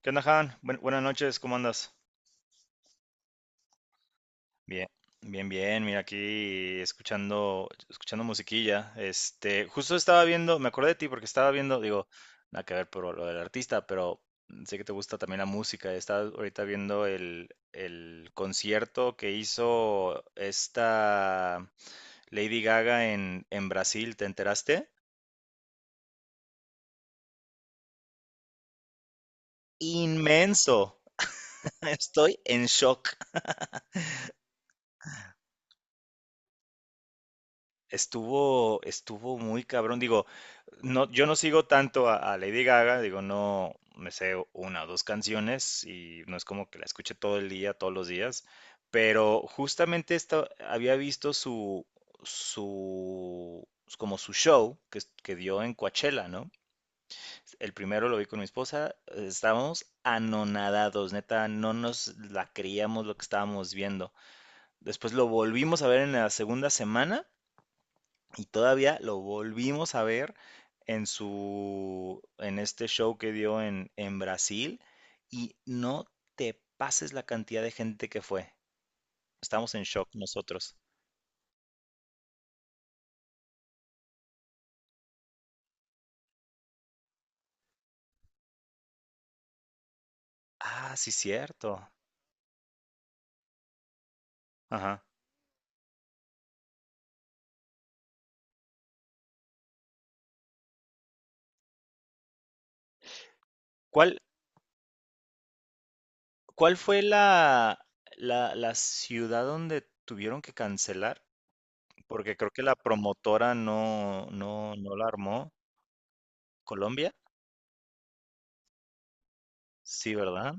¿Qué onda, Han? Buenas noches, ¿cómo andas? Bien, bien, bien. Mira, aquí escuchando, escuchando musiquilla. Justo estaba viendo, me acordé de ti porque estaba viendo, digo, nada que ver por lo del artista, pero sé que te gusta también la música. Estaba ahorita viendo el concierto que hizo esta Lady Gaga en Brasil, ¿te enteraste? Inmenso. Estoy en shock. Estuvo, estuvo muy cabrón. Digo, no, yo no sigo tanto a Lady Gaga, digo, no me sé una o dos canciones y no es como que la escuche todo el día, todos los días, pero justamente esta, había visto su, como su show que, que dio en Coachella, ¿no? El primero lo vi con mi esposa, estábamos anonadados, neta, no nos la creíamos lo que estábamos viendo. Después lo volvimos a ver en la segunda semana y todavía lo volvimos a ver en en este show que dio en Brasil. Y no te pases la cantidad de gente que fue. Estamos en shock nosotros. Ah, sí, cierto. Ajá. ¿Cuál, ¿cuál fue la ciudad donde tuvieron que cancelar? Porque creo que la promotora no la armó. ¿Colombia? Sí, ¿verdad?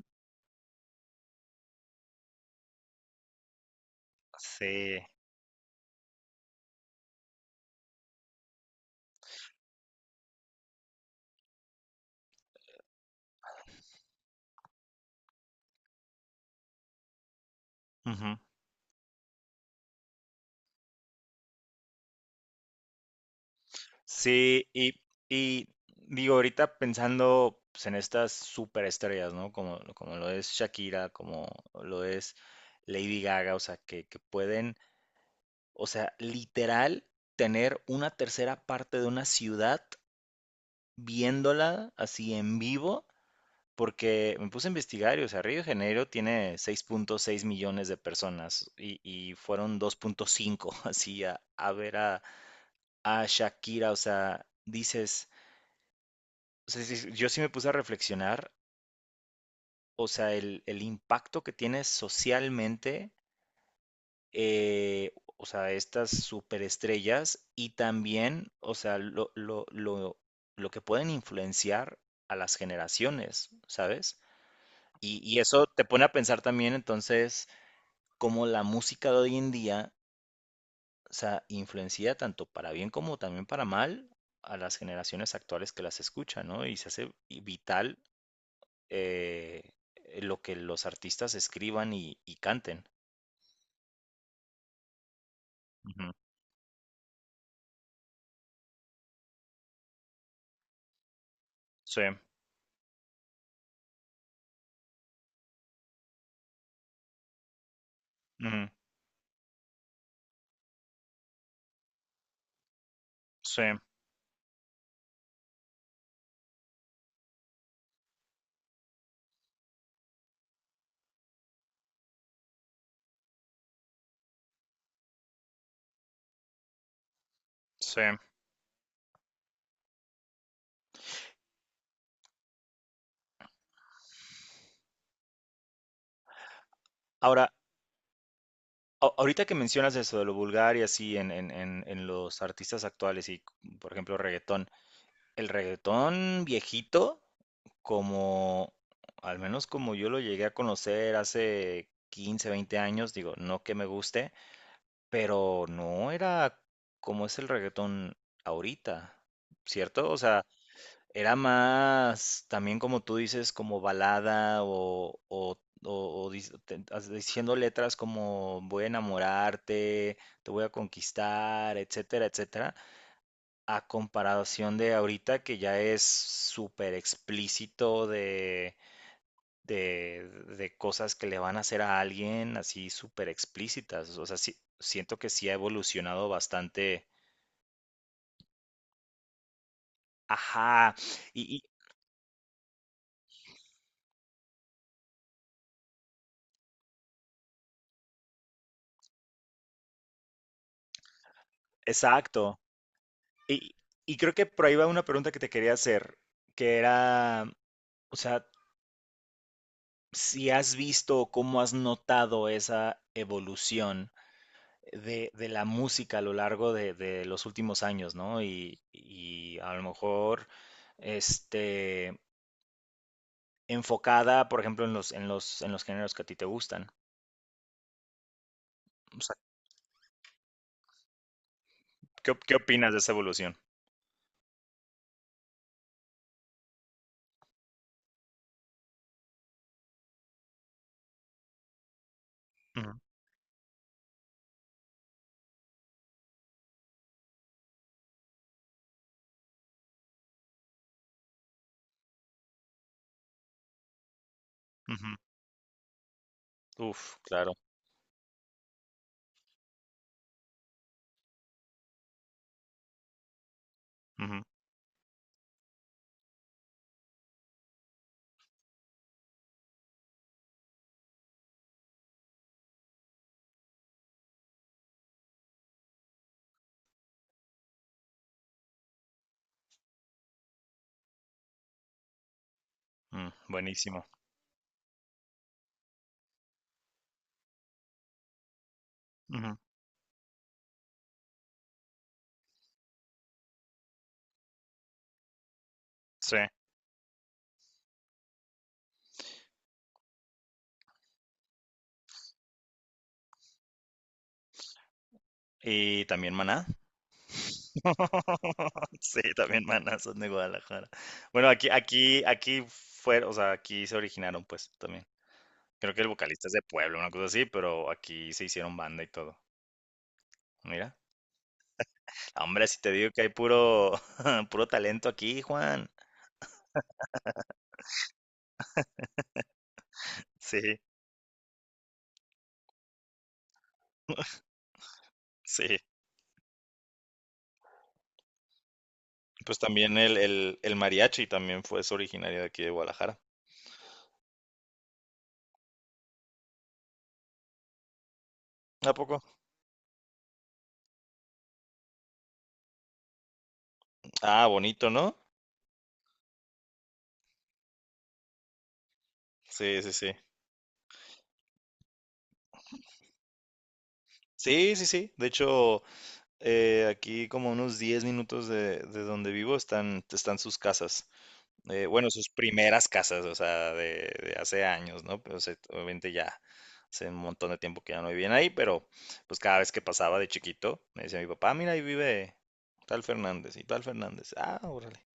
Sí. Sí, y digo, ahorita pensando pues, en estas superestrellas, ¿no? Como, como lo es Shakira, como lo es Lady Gaga, o sea, que pueden, o sea, literal tener una tercera parte de una ciudad viéndola así en vivo, porque me puse a investigar y, o sea, Río de Janeiro tiene 6.6 millones de personas y fueron 2.5 así a ver a Shakira, o sea, dices. O sea, sí, sí, yo sí me puse a reflexionar, o sea, el impacto que tiene socialmente, o sea, estas superestrellas y también, o sea, lo que pueden influenciar a las generaciones, ¿sabes? Y eso te pone a pensar también entonces cómo la música de hoy en día, o sea, influencia tanto para bien como también para mal a las generaciones actuales que las escuchan, ¿no? Y se hace vital eh, lo que los artistas escriban y canten. Ujú, sí, ujú, sí, sí. Ahora, ahorita que mencionas eso de lo vulgar y así en, en los artistas actuales y, por ejemplo, reggaetón, el reggaetón viejito, como, al menos como yo lo llegué a conocer hace 15, 20 años, digo, no que me guste, pero no era como es el reggaetón ahorita, ¿cierto? O sea, era más, también como tú dices, como balada o, diciendo letras como voy a enamorarte, te voy a conquistar, etcétera, etcétera, a comparación de ahorita que ya es súper explícito de, de cosas que le van a hacer a alguien, así súper explícitas. O sea, siento que sí ha evolucionado bastante. Ajá, y y- exacto. Y, y creo que por ahí va una pregunta que te quería hacer, que era, o sea, si has visto o cómo has notado esa evolución de la música a lo largo de los últimos años, ¿no? Y a lo mejor, este, enfocada, por ejemplo, en los, en los, en los géneros que a ti te gustan. O sea, ¿qué opinas de esa evolución? Ujú, ujú. Uf, claro. Ujú, mm, buenísimo. Ujú, sí. ¿Y también Maná? Sí, también manas son de Guadalajara. Bueno, aquí, aquí, aquí fue, o sea, aquí se originaron, pues, también. Creo que el vocalista es de Puebla, una cosa así, pero aquí se hicieron banda y todo. Mira, hombre, si te digo que hay puro, puro talento aquí, Juan. Sí, sí. Pues también el mariachi también fue, es originario de aquí de Guadalajara. ¿A poco? Ah, bonito, ¿no? Sí, sí, sí. Sí, sí, sí. De hecho, aquí como unos 10 minutos de donde vivo están, están sus casas. Bueno, sus primeras casas, o sea, de hace años, ¿no? Pero obviamente ya hace un montón de tiempo que ya no vivían ahí, pero pues cada vez que pasaba de chiquito, me decía mi papá, mira, ahí vive tal Fernández y tal Fernández. Ah, órale.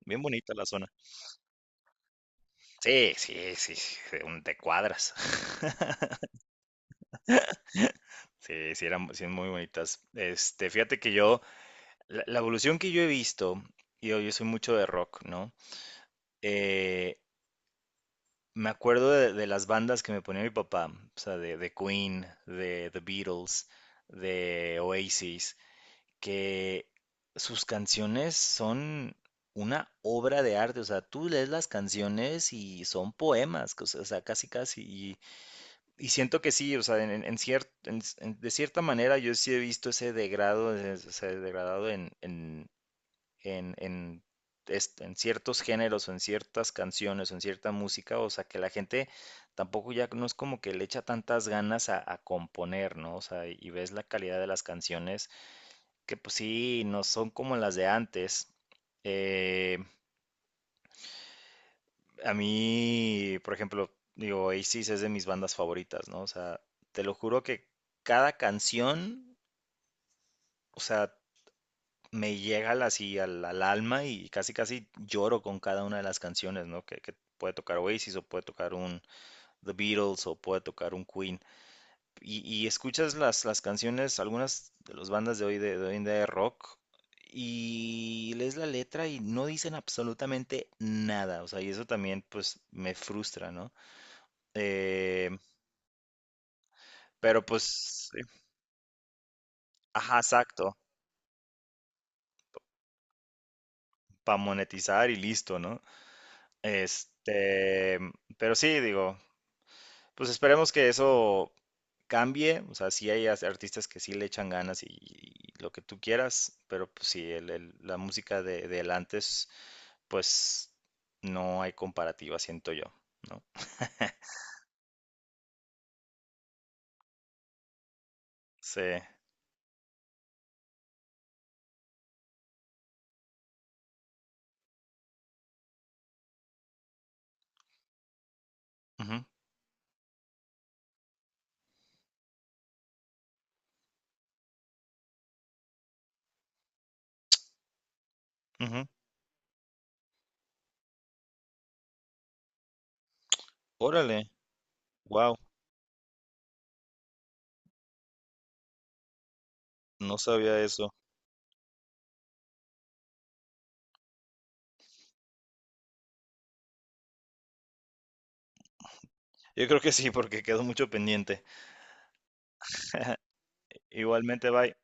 Bien bonita la zona. Sí, sí, sí, sí, de cuadras. Sí, sí, eran sí, muy bonitas. Fíjate que yo, la evolución que yo he visto, y yo soy mucho de rock, ¿no? Eh, me acuerdo de las bandas que me ponía mi papá, o sea, de Queen, de The Beatles, de Oasis, que sus canciones son una obra de arte, o sea, tú lees las canciones y son poemas, que, o sea, casi casi, y siento que sí, o sea, en, de cierta manera yo sí he visto ese degrado, ese degradado en en, en, en ciertos géneros o en ciertas canciones o en cierta música, o sea, que la gente tampoco ya no es como que le echa tantas ganas a componer, ¿no? O sea, y ves la calidad de las canciones, que pues sí, no son como las de antes. Eh, a mí, por ejemplo, digo, Oasis es de mis bandas favoritas, ¿no? O sea, te lo juro que cada canción, o sea, me llega así al alma y casi casi lloro con cada una de las canciones, ¿no? Que puede tocar Oasis o puede tocar un The Beatles o puede tocar un Queen. Y escuchas las canciones, algunas de las bandas de hoy en día de rock y lees la letra y no dicen absolutamente nada, o sea, y eso también pues me frustra, ¿no? Eh, pero pues, sí, ajá, exacto, para monetizar y listo, ¿no? Este, pero sí, digo. Pues esperemos que eso cambie, o sea, sí hay artistas que sí le echan ganas y lo que tú quieras, pero pues sí, la música de, del antes, pues no hay comparativa, siento yo, ¿no? Sí. Ujú, ujú. Órale, wow, no sabía eso. Yo creo que sí, porque quedó mucho pendiente. Igualmente, bye.